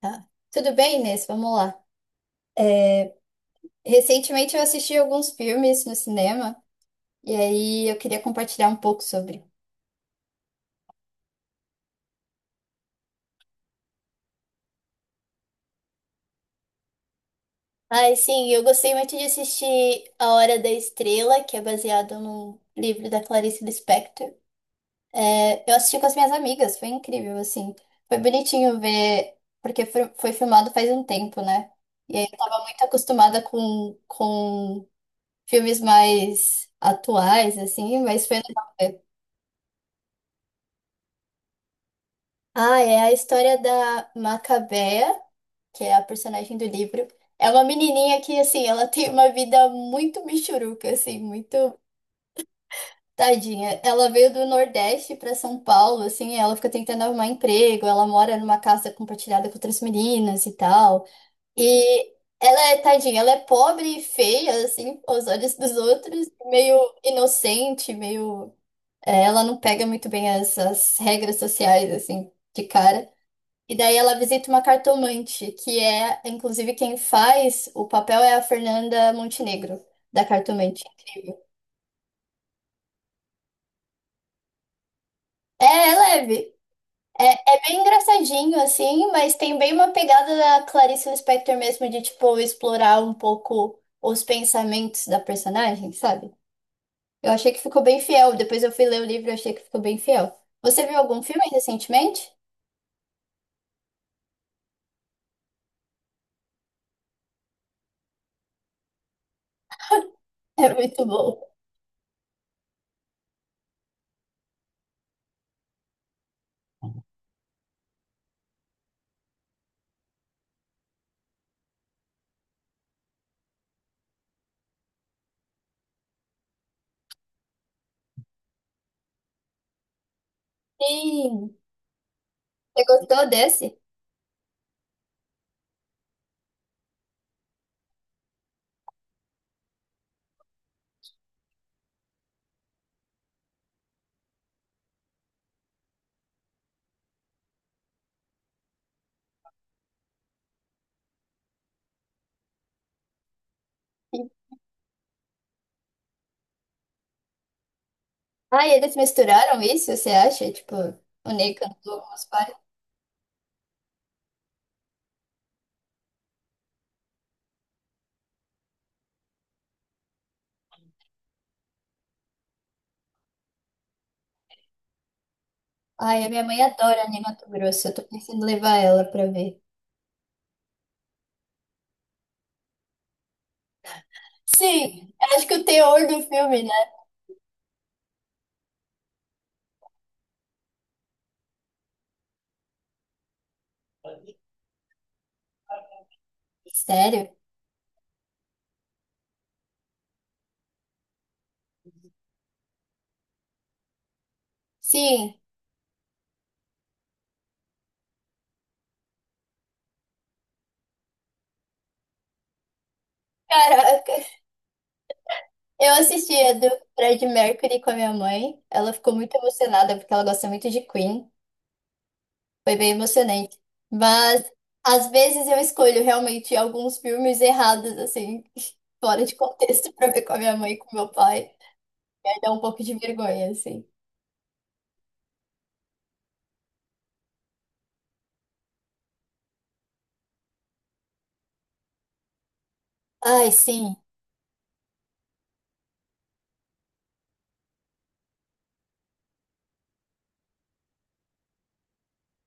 Tá. Tudo bem, Inês? Vamos lá. É, Recentemente eu assisti alguns filmes no cinema e aí eu queria compartilhar um pouco sobre. Ai, sim, eu gostei muito de assistir A Hora da Estrela, que é baseado num livro da Clarice Lispector. Eu assisti com as minhas amigas, foi incrível, assim. Foi bonitinho ver, porque foi filmado faz um tempo, né? E aí eu tava muito acostumada com filmes mais atuais, assim, mas foi legal ver. Ah, é a história da Macabea, que é a personagem do livro. É uma menininha que, assim, ela tem uma vida muito michuruca, assim, muito tadinha. Ela veio do Nordeste para São Paulo, assim, ela fica tentando arrumar emprego, ela mora numa casa compartilhada com outras meninas e tal. E ela é tadinha, ela é pobre e feia, assim, aos olhos dos outros, meio inocente, meio. É, ela não pega muito bem essas regras sociais, assim, de cara. E daí ela visita uma cartomante, que é, inclusive, quem faz o papel é a Fernanda Montenegro, da cartomante. Incrível. É, é leve. É, é bem engraçadinho, assim, mas tem bem uma pegada da Clarice Lispector mesmo, de, tipo, explorar um pouco os pensamentos da personagem, sabe? Eu achei que ficou bem fiel. Depois eu fui ler o livro e achei que ficou bem fiel. Você viu algum filme recentemente? É muito bom. Sim. Você gostou desse? Ah, eles misturaram isso, você acha? Tipo, o Ney cantou algumas partes. Ai, a minha mãe adora Ney Mato Grosso. Eu tô pensando em levar ela pra ver. Sim, eu acho que o teor do filme, né? Sério? Sim. Caraca, eu assisti a do Fred Mercury com a minha mãe. Ela ficou muito emocionada porque ela gosta muito de Queen. Foi bem emocionante. Mas às vezes eu escolho realmente alguns filmes errados, assim, fora de contexto, pra ver com a minha mãe e com meu pai. E aí dá um pouco de vergonha, assim. Ai, sim.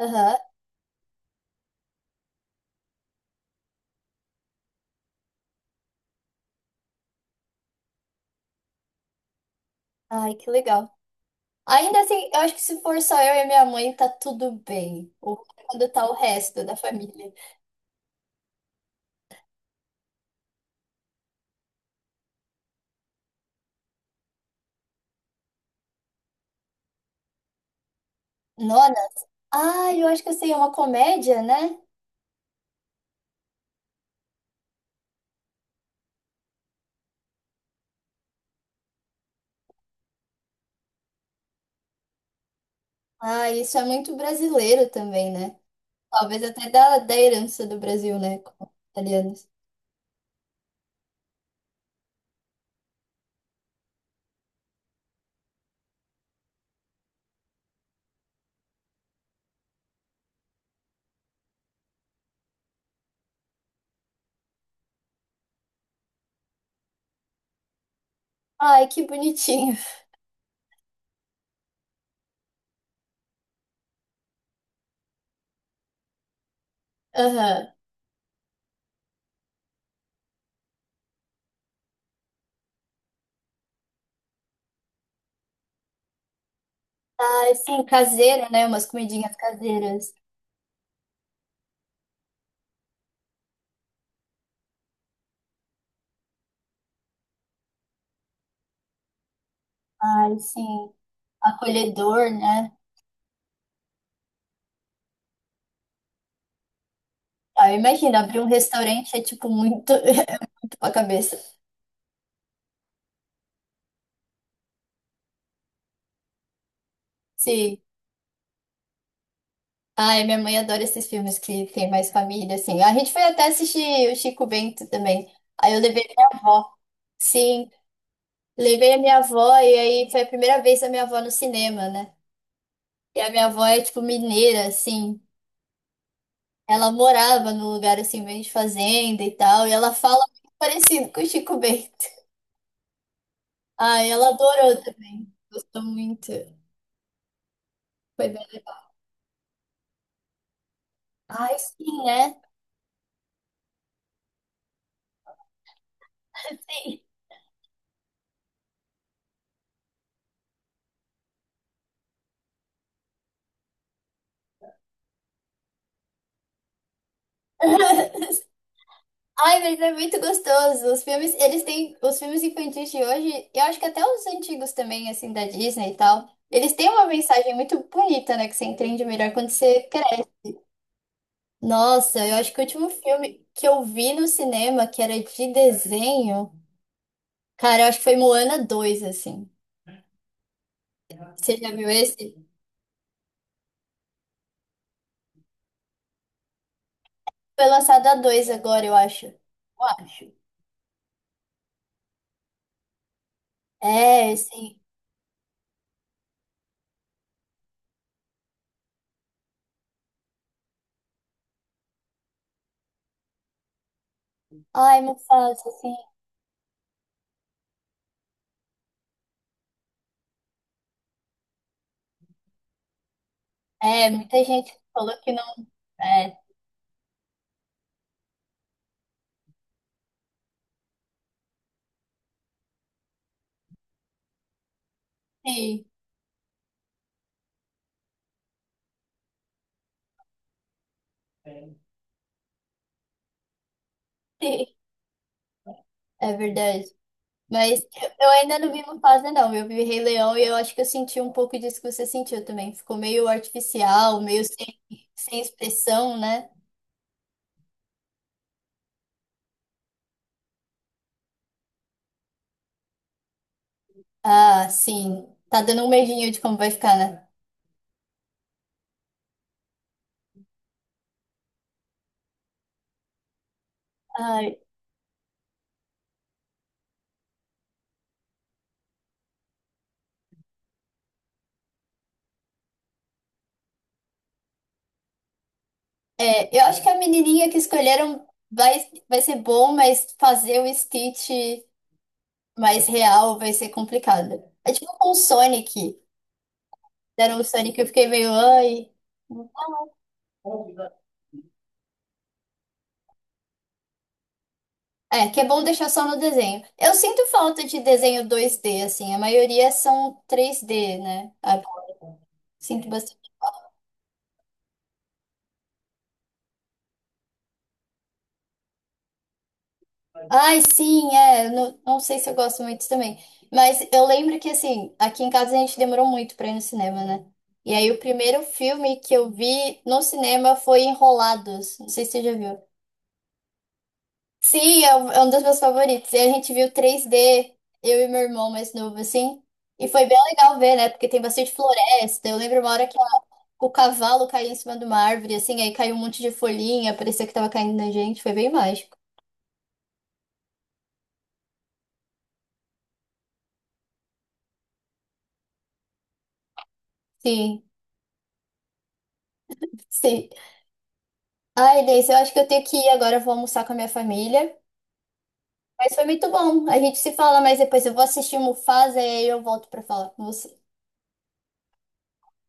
Aham. Ai, que legal. Ainda assim, eu acho que se for só eu e minha mãe, tá tudo bem. Ou quando tá o resto da família. Nona? Ai, eu acho que eu sei, é uma comédia, né? Ah, isso é muito brasileiro também, né? Talvez até da herança do Brasil, né? Com os italianos. Ai, que bonitinho. Aham. Ai, sim, caseiro, né? Umas comidinhas caseiras. Ai, sim. Acolhedor, né? Ah, imagina, abrir um restaurante é tipo muito, é muito pra cabeça. Sim. Ai, minha mãe adora esses filmes que tem mais família, assim. A gente foi até assistir o Chico Bento também. Aí eu levei minha avó. Sim, levei a minha avó e aí foi a primeira vez da minha avó no cinema, né? E a minha avó é tipo mineira, assim. Ela morava num lugar assim, meio de fazenda e tal, e ela fala muito parecido com o Chico Bento. Ai, ela adorou também. Gostou muito. Foi bem legal. Ai, sim, né? Ai, mas é muito gostoso. Os filmes, eles têm, os filmes infantis de hoje, eu acho que até os antigos também, assim, da Disney e tal, eles têm uma mensagem muito bonita, né, que você entende melhor quando você cresce. Nossa, eu acho que o último filme que eu vi no cinema, que era de desenho, cara, eu acho que foi Moana dois, assim. Você já viu esse? Foi lançado a 2 agora, eu acho. Eu acho. É, assim. Ai, Mufasa, assim. É, muita gente falou que não. É, sim. É verdade. Mas eu ainda não vi Mufasa, não. Eu vi Rei Leão e eu acho que eu senti um pouco disso que você sentiu também. Ficou meio artificial, meio sem, sem expressão, né? Ah, sim. Tá dando um medinho de como vai ficar, né? Ai, é, eu acho que a menininha que escolheram vai ser bom, mas fazer o Stitch mais real vai ser complicado. É tipo com o Sonic. Deram o Sonic, eu fiquei meio, ai. É, que é bom deixar só no desenho. Eu sinto falta de desenho 2D, assim. A maioria são 3D, né? A- Sinto bastante. Ai, sim, é. Eu não, não sei se eu gosto muito também. Mas eu lembro que, assim, aqui em casa a gente demorou muito pra ir no cinema, né? E aí o primeiro filme que eu vi no cinema foi Enrolados. Não sei se você já viu. Sim, é um dos meus favoritos. E a gente viu 3D, eu e meu irmão mais novo, assim. E foi bem legal ver, né? Porque tem bastante floresta. Eu lembro uma hora que o cavalo caiu em cima de uma árvore, assim, aí caiu um monte de folhinha, parecia que tava caindo na gente, foi bem mágico. Sim, sim. Ai, Inês, eu acho que eu tenho que ir agora, eu vou almoçar com a minha família. Mas foi muito bom. A gente se fala mais depois. Eu vou assistir Mufasa e aí eu volto pra falar com você.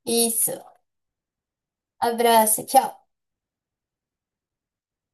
Isso. Abraço, tchau.